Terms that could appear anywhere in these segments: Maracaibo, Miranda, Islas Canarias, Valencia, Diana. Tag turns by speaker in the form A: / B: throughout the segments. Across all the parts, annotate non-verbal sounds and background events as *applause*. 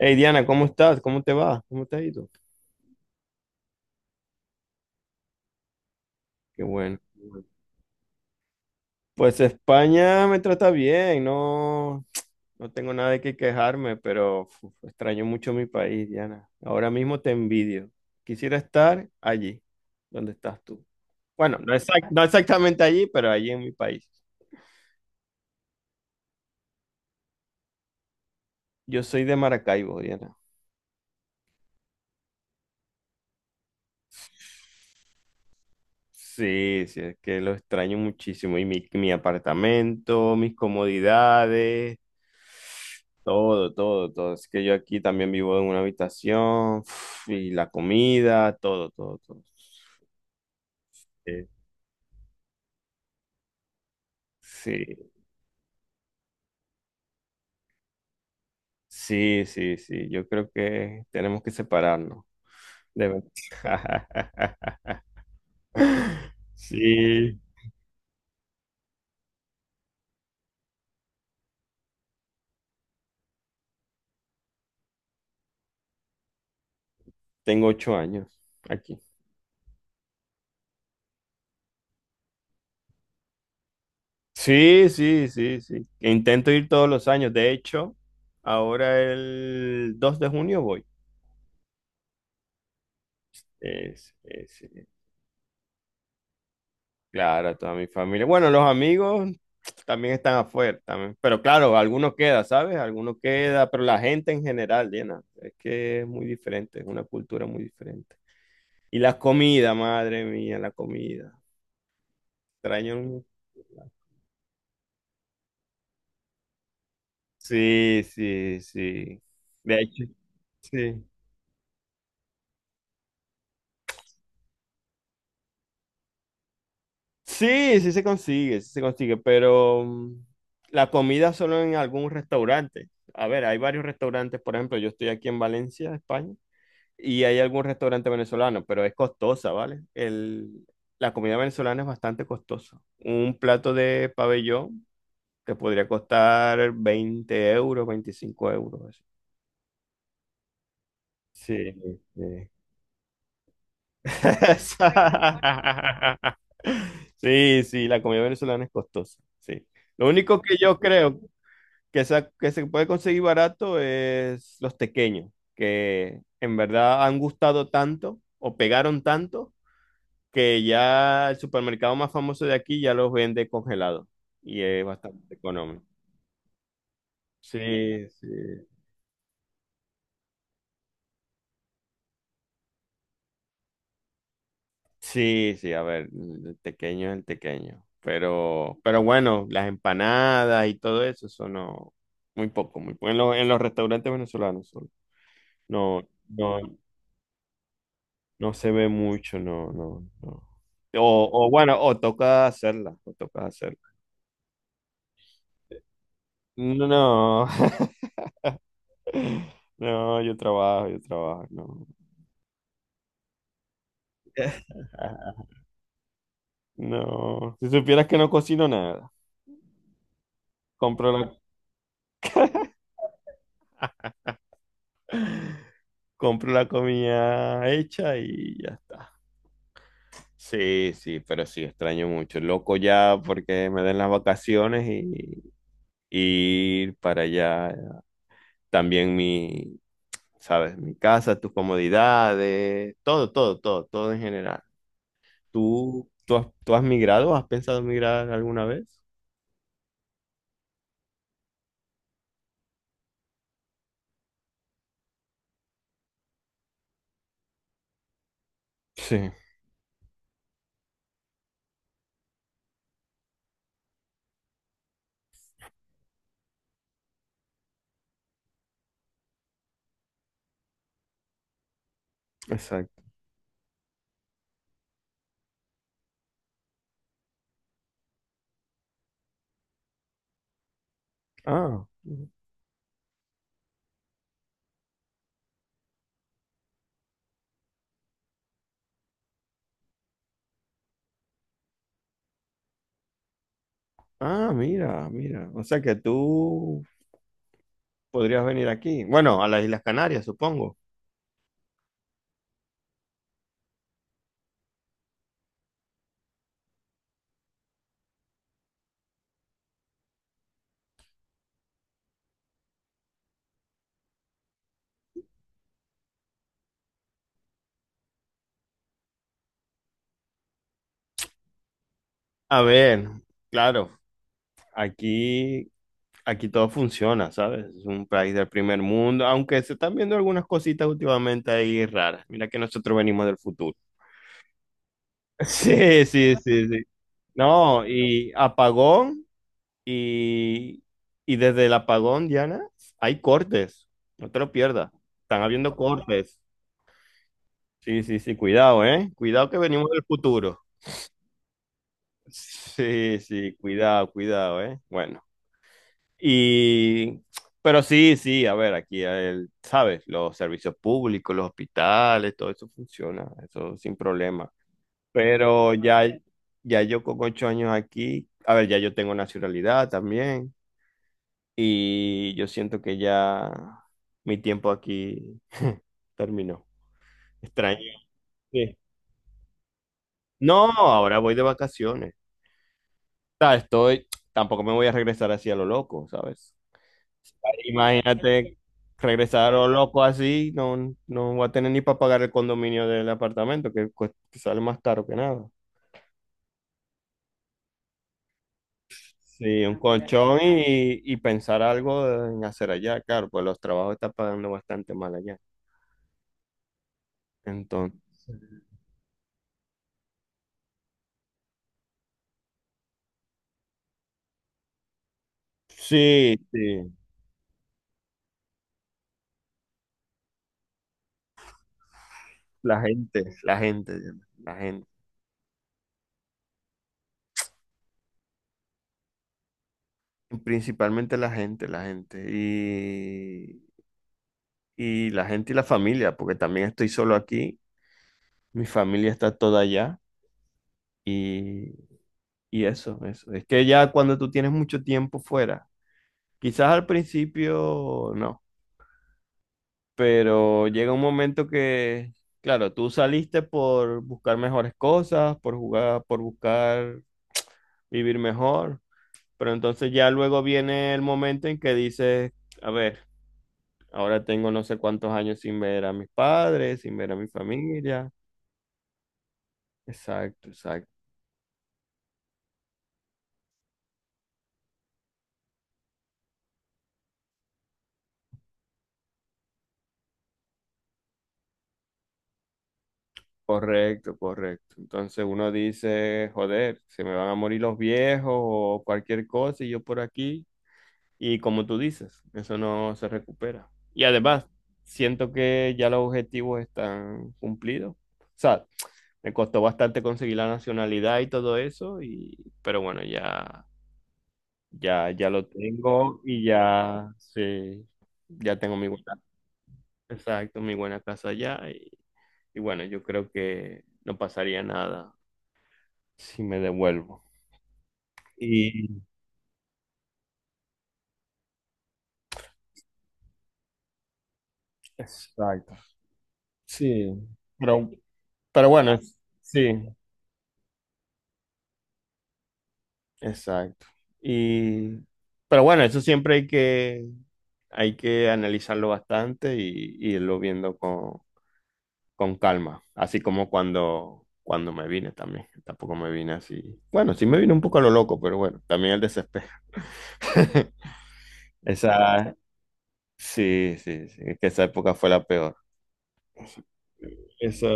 A: Hey Diana, ¿cómo estás? ¿Cómo te va? ¿Cómo te ha ido? Qué bueno. Pues España me trata bien, no, no tengo nada de qué quejarme, pero uf, extraño mucho mi país, Diana. Ahora mismo te envidio. Quisiera estar allí, donde estás tú. Bueno, no, no exactamente allí, pero allí en mi país. Yo soy de Maracaibo, Diana. Sí, sí, es que lo extraño muchísimo. Y mi apartamento, mis comodidades, todo, todo, todo. Es que yo aquí también vivo en una habitación y la comida, todo, todo, todo. Eh, Sí, sí, sí, sí. Yo creo que tenemos que separarnos. De ver- *laughs* Sí, tengo 8 años aquí. Sí, sí, sí, sí. Intento ir todos los años. De hecho, ahora el 2 de junio voy. Es- es- Claro, toda mi familia. Bueno, los amigos también están afuera, también. Pero claro, algunos queda, ¿sabes? Algunos queda, pero la gente en general, Diana, es que es muy diferente, es una cultura muy diferente. Y la comida, madre mía, la comida. Extraño. un- Sí, sí, sí. De hecho, sí. Sí, sí se consigue, pero la comida solo en algún restaurante. A ver, hay varios restaurantes, por ejemplo, yo estoy aquí en Valencia, España, y hay algún restaurante venezolano, pero es costosa, ¿vale? La comida venezolana es bastante costosa. Un plato de pabellón te podría costar 20 euros, 25 euros, así. Sí, sí. *laughs* Sí, sí, la comida venezolana es costosa, sí. Lo único que yo creo que se puede conseguir barato es los tequeños, que en verdad han gustado tanto o pegaron tanto que ya el supermercado más famoso de aquí ya los vende congelados y es bastante económico. Sí, sí. Sí, sí, a ver, el tequeño es el tequeño. Pero bueno, las empanadas y todo eso, eso no, muy poco, muy poco. En en los restaurantes venezolanos solo. No, no, no se ve mucho, no, no, no. O bueno, o toca hacerla, o toca hacerla. No, *laughs* no, no, yo trabajo, no. *laughs* No, si supieras que no cocino nada, compro la, compro la comida hecha y ya está. Sí, sí, pero sí, extraño mucho. Loco ya porque me den las vacaciones y ir para allá. También mi, sabes, mi casa, tus comodidades, todo, todo, todo, todo en general. ¿Tú has migrado? ¿Has pensado migrar alguna vez? Sí, exacto. Ah, mira, mira. O sea que tú podrías venir aquí. Bueno, a las Islas Canarias, supongo. A ver, claro, aquí, aquí todo funciona, ¿sabes? Es un país del primer mundo, aunque se están viendo algunas cositas últimamente ahí raras. Mira que nosotros venimos del futuro. *laughs* Sí, sí, sí, sí. No, y apagón, y, y desde el apagón, Diana, hay cortes. No te lo pierdas. Están habiendo cortes. Sí, sí, sí, cuidado, ¿eh? Cuidado que venimos del futuro. Sí, sí, cuidado, cuidado, ¿eh? Bueno, y, pero sí, sí, a ver, ¿sabes? Los servicios públicos, los hospitales, todo eso funciona, eso sin problema. Pero ya, ya yo con 8 años aquí, a ver, ya yo tengo nacionalidad también y yo siento que ya mi tiempo aquí *laughs* terminó. Extraño. Sí. No, ahora voy de vacaciones. Sea, estoy, tampoco me voy a regresar así a lo loco, ¿sabes? Imagínate regresar a lo loco así, no, no voy a tener ni para pagar el condominio del apartamento, que sale más caro que nada. Sí, un colchón y pensar algo en hacer allá, claro, pues los trabajos están pagando bastante mal allá. Entonces, sí, sí, la gente, la gente, la gente, principalmente la gente, y la gente y la familia, porque también estoy solo aquí, mi familia está toda allá y, y eso, eso. Es que ya cuando tú tienes mucho tiempo fuera, quizás al principio no, pero llega un momento que, claro, tú saliste por buscar mejores cosas, por jugar, por buscar vivir mejor, pero entonces ya luego viene el momento en que dices, a ver, ahora tengo no sé cuántos años sin ver a mis padres, sin ver a mi familia. Exacto, exacto. Correcto, correcto. Entonces uno dice, joder, se me van a morir los viejos o cualquier cosa y yo por aquí. Y como tú dices, eso no se recupera. Y además, siento que ya los objetivos están cumplidos. O sea, me costó bastante conseguir la nacionalidad y todo eso, y, pero bueno, ya, ya, ya lo tengo y ya, sí, ya tengo mi buena, exacto, mi buena casa allá y bueno, yo creo que no pasaría nada si me devuelvo. Y exacto. Sí, pero, pero bueno, sí, exacto. Y pero bueno, eso siempre hay que analizarlo bastante y irlo viendo con calma, así como cuando me vine también. Tampoco me vine así. Bueno, sí me vine un poco a lo loco, pero bueno, también el desespero. *laughs* Esa sí, sí, sí, es que esa época fue la peor. Esa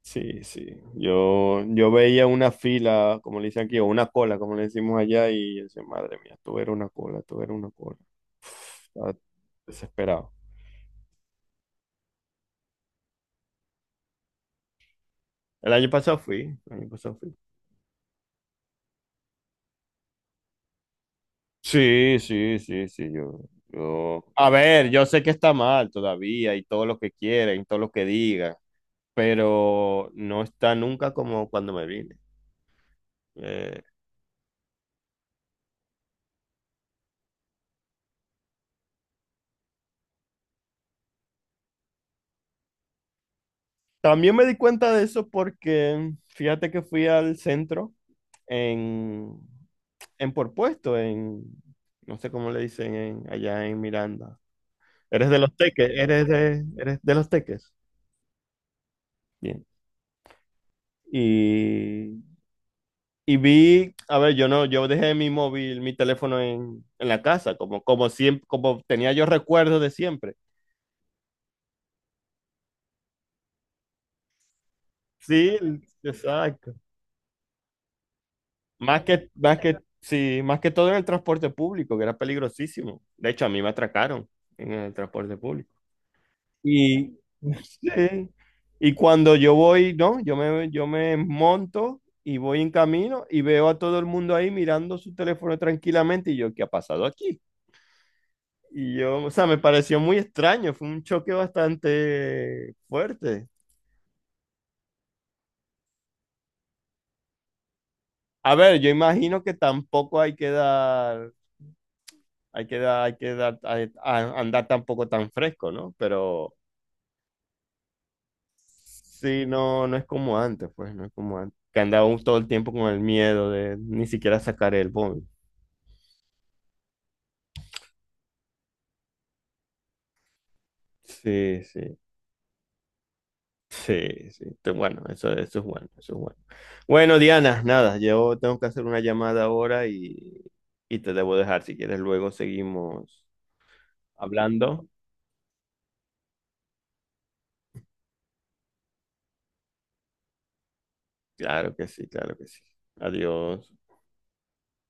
A: Sí, sí. Yo veía una fila, como le dicen aquí, o una cola, como le decimos allá, y yo decía, madre mía, esto era una cola, esto era una cola. Estaba desesperado. El año pasado fui, el año pasado fui. Sí, sí, sí, sí, yo... A ver, yo sé que está mal todavía y todo lo que quieren, y todo lo que digan, pero no está nunca como cuando me vine. Eh, también me di cuenta de eso porque fíjate que fui al centro en, en por puesto, en, no sé cómo le dicen allá en Miranda. Eres de los Teques, eres de los Teques. Bien. Y, y vi, a ver, yo no, yo dejé mi móvil, mi teléfono en la casa, como, como siempre, como tenía yo recuerdos de siempre. Sí, exacto. Sí, más que todo en el transporte público, que era peligrosísimo. De hecho, a mí me atracaron en el transporte público. Y, sí, y cuando yo voy, ¿no? Yo me monto y voy en camino y veo a todo el mundo ahí mirando su teléfono tranquilamente y yo, ¿qué ha pasado aquí? Y yo, o sea, me pareció muy extraño, fue un choque bastante fuerte. A ver, yo imagino que tampoco hay que hay que dar, andar tampoco tan fresco, ¿no? Pero... Sí, no, no es como antes, pues, no es como antes. Que andábamos todo el tiempo con el miedo de ni siquiera sacar el móvil. Sí, sí, sí, sí. Bueno, eso es bueno, eso es bueno. Bueno, Diana, nada, yo tengo que hacer una llamada ahora y te debo dejar. Si quieres, luego seguimos hablando. Claro que sí, claro que sí. Adiós.